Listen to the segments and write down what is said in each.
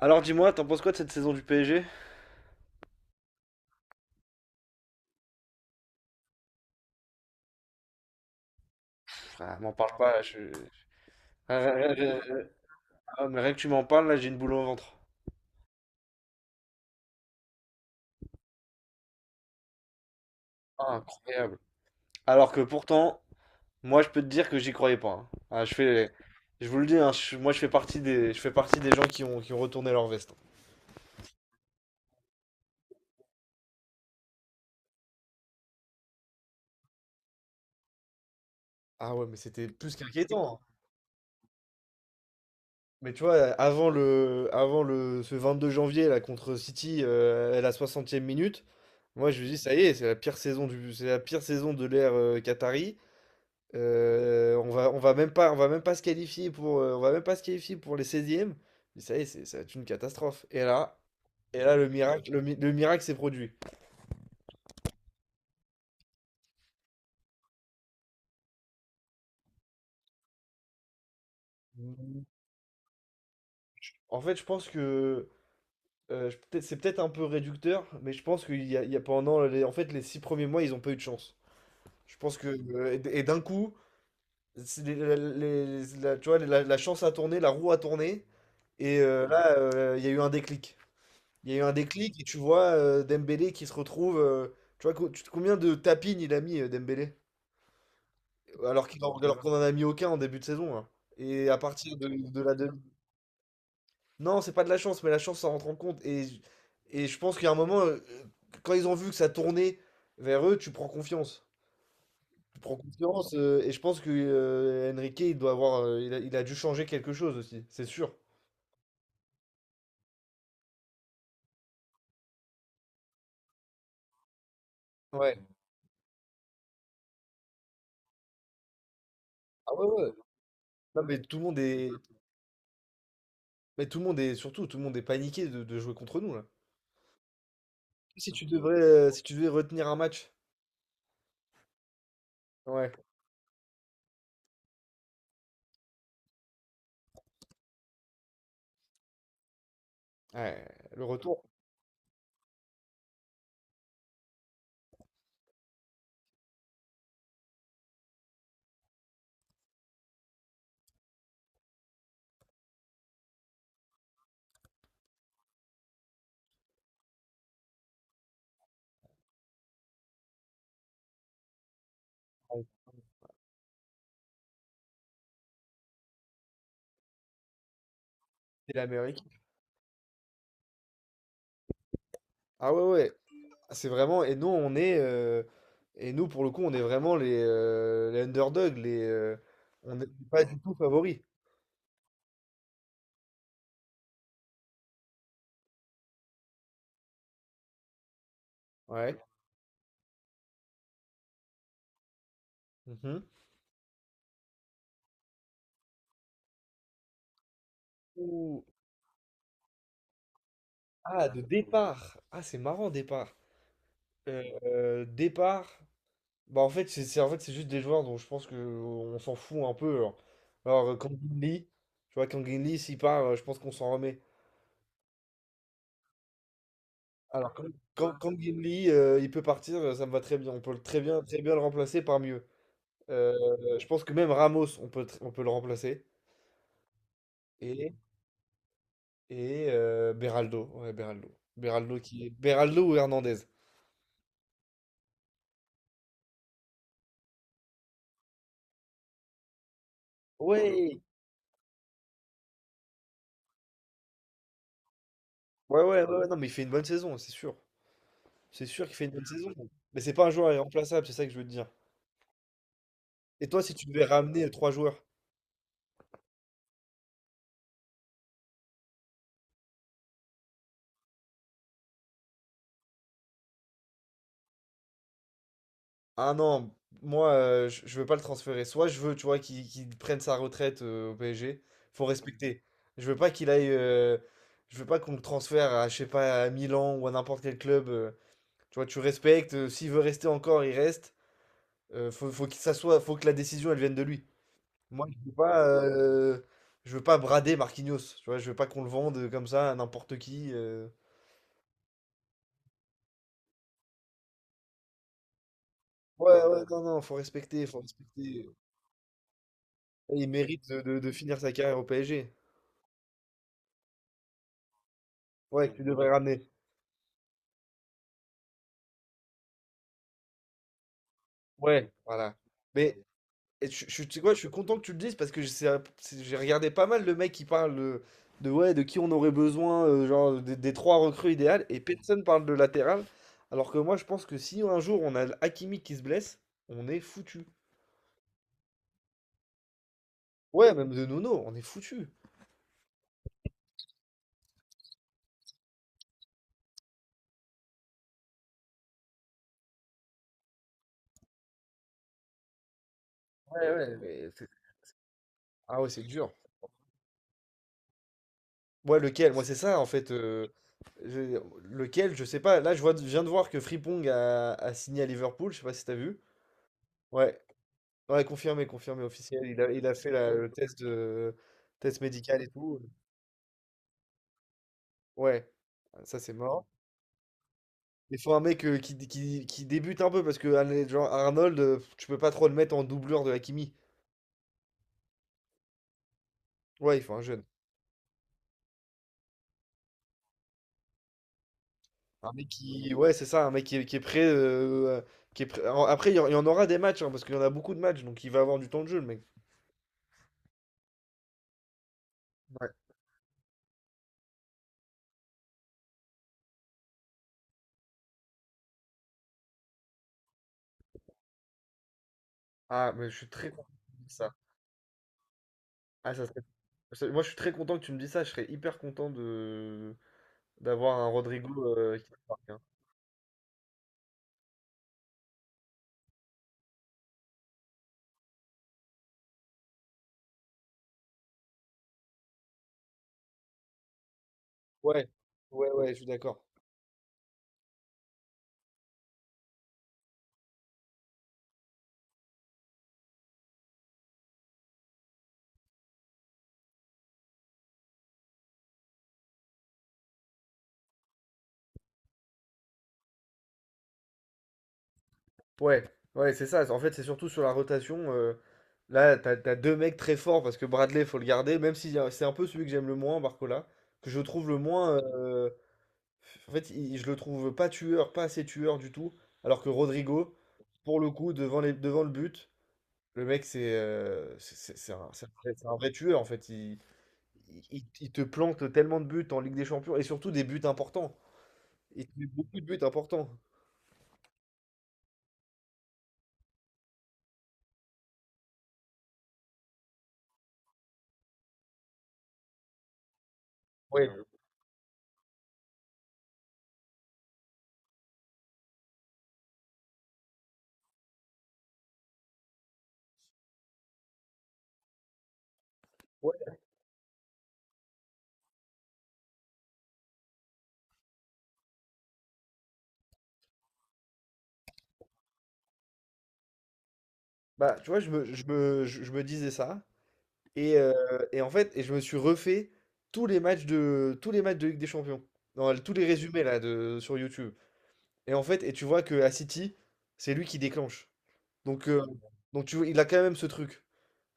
Alors dis-moi, t'en penses quoi de cette saison du PSG? Frère, m'en parle pas, là, je... Ah, rien- rien- rien- ah, mais rien que tu m'en parles, là, j'ai une boule au ventre. Ah, incroyable. Alors que pourtant, moi, je peux te dire que j'y croyais pas, hein. Je vous le dis, hein, moi, je fais partie des gens qui ont retourné leur veste, hein. Ah ouais, mais c'était plus qu'inquiétant, hein. Mais tu vois, ce 22 janvier, là, contre City, à la 60e minute, moi, je me dis, ça y est, c'est la pire saison de l'ère Qatari. On va même pas se qualifier pour, on va même pas se qualifier pour les seizièmes. Mais ça y est, ça va être une catastrophe. Et là, le miracle s'est produit. En fait, je pense que c'est peut-être un peu réducteur, mais je pense il y a pendant les, en fait, les 6 premiers mois, ils n'ont pas eu de chance. Je pense que et d'un coup, c'est les- la- tu vois, la chance a tourné, la roue a tourné, et là, il y a eu un déclic. Il y a eu un déclic et tu vois Dembélé qui se retrouve, euh. Combien de tapines il a mis Dembélé? Alors qu'on en a mis aucun en début de saison, hein. Et à partir de la demi. Non, c'est pas de la chance, mais la chance, ça rentre en compte. Et je pense qu'il y a un moment, quand ils ont vu que ça tournait vers eux, tu prends confiance. Tu prends confiance, et je pense que Enrique, il a dû changer quelque chose aussi, c'est sûr. Ouais. Ah ouais, ouais. Non, mais tout le monde est. Mais tout le monde est. Surtout, tout le monde est paniqué de jouer contre nous, là. Si tu devais retenir un match, ouais, ouais, le retour c'est l'Amérique. Ah ouais, ouais, c'est vraiment. Et nous, on est, et nous pour le coup, on est vraiment les underdogs, on n'est pas du tout favoris. Ouais. Mhm. Ouh, Ah, de départ. Ah, c'est marrant, départ. Départ. Bah en fait, en fait, c'est juste des joueurs dont je pense que on s'en fout un peu, genre. Alors, Kang In Lee, tu vois, Kang In Lee, s'il part, je pense qu'on s'en remet. Alors, quand, quand Gimli, il peut partir, ça me va très bien. Très bien, très bien le remplacer par mieux. Euh, je pense que même Ramos, on peut le remplacer. Et, et Beraldo. Ouais, Beraldo. Beraldo qui est... Beraldo ou Hernandez. Ouais, ouais, ouais, non, mais il fait une bonne saison, c'est sûr. C'est sûr qu'il fait une bonne saison. Mais c'est pas un joueur irremplaçable, c'est ça que je veux te dire. Et toi, si tu devais ramener trois joueurs? Ah non, moi, je veux pas le transférer. Soit je veux, tu vois, qu'il prenne sa retraite au PSG. Faut respecter. Je veux pas qu'il aille, je veux pas qu'on le transfère à, je sais pas, à Milan ou à n'importe quel club, euh. Tu vois, tu respectes, s'il veut rester encore, il reste. Euh, faut qu'il s'assoie. Faut que la décision, elle vienne de lui. Moi, je veux pas, je veux pas brader Marquinhos. Tu vois, je veux pas qu'on le vende comme ça à n'importe qui, euh. Ouais, non, non, faut respecter, faut respecter. Il mérite de de finir sa carrière au PSG. Ouais, que tu devrais ramener. Ouais, voilà. Mais et je tu sais quoi? Je suis content que tu le dises parce que c'est un c'est j'ai regardé pas mal le mec qui parle, de ouais, de qui on aurait besoin, genre des 3 recrues idéales et mmh. Personne parle de latéral. Alors que moi, je pense que si un jour on a Hakimi qui se blesse, on est foutu. Ouais, même de Nono, on est foutu. Ouais, mais c'est ah ouais, c'est dur. Ouais, lequel? Moi, c'est ça en fait, je lequel? Je sais pas. Là, je viens de voir que Frimpong a signé à Liverpool, je sais pas si t'as vu? Ouais. Ouais, confirmé, confirmé officiel. Il a fait le test de test médical et tout, euh. Ouais, ah, ça c'est mort. Il faut un mec, euh, qui débute un peu parce que Arnold, tu peux pas trop le mettre en doublure de Hakimi. Ouais, il faut un jeune. Un mec qui, ouais, c'est ça, un mec qui est prêt, Après, il y en aura des matchs, hein, parce qu'il y en a beaucoup de matchs, donc il va avoir du temps de jeu, le mec. Ouais. Ah, mais je suis très content que tu me dises ça. Ah, ça serait- Moi, je suis très content que tu me dises ça. Je serais hyper content de d'avoir un Rodrigo, qui marque, hein. Ouais, ouais, je suis d'accord. Ouais, ouais, c'est ça. En fait, c'est surtout sur la rotation, là, t'as deux mecs très forts parce que Bradley, faut le garder. Même si c'est un peu celui que j'aime le moins, Barcola, que je trouve le moins, en fait, je le trouve pas tueur, pas assez tueur du tout. Alors que Rodrigo, pour le coup, devant le but, le mec, c'est un vrai tueur. En fait, il te plante tellement de buts en Ligue des Champions et surtout des buts importants. Il te met beaucoup de buts importants. Ouais, bah, tu vois, je me disais ça. Et, euh, et en fait, et je me suis refait tous les matchs de Ligue des Champions. Non, tous les résumés là de, sur YouTube. Et en fait, et tu vois que à City, c'est lui qui déclenche. Donc, euh, donc tu vois, il a quand même ce truc.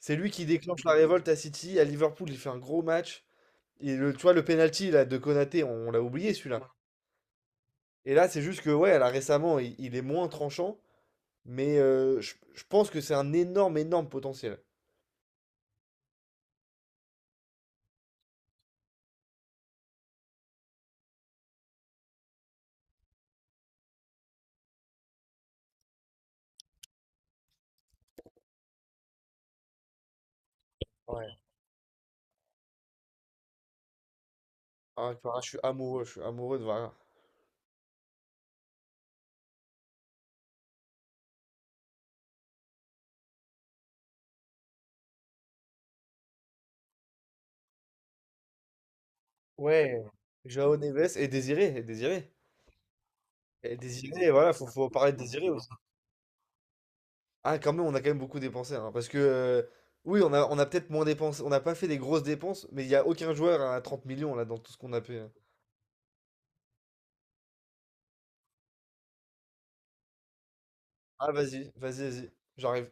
C'est lui qui déclenche la révolte à City. À Liverpool, il fait un gros match. Et le, tu vois, le penalty là, de Konaté, on l'a oublié celui-là. Et là, c'est juste que, ouais, là, récemment, il est moins tranchant. Mais euh, je pense que c'est un énorme, énorme potentiel. Ah, Clara, je suis amoureux de Vargas. Ouais, Joao Neves et Désiré, et Désiré, voilà, faut parler de Désiré aussi. Ah, quand même, on a quand même beaucoup dépensé, hein, parce que, oui, on a peut-être moins dépensé, on n'a pas fait des grosses dépenses, mais il n'y a aucun joueur à 30 millions, là, dans tout ce qu'on a payé. Ah, vas-y, vas-y, vas-y, j'arrive.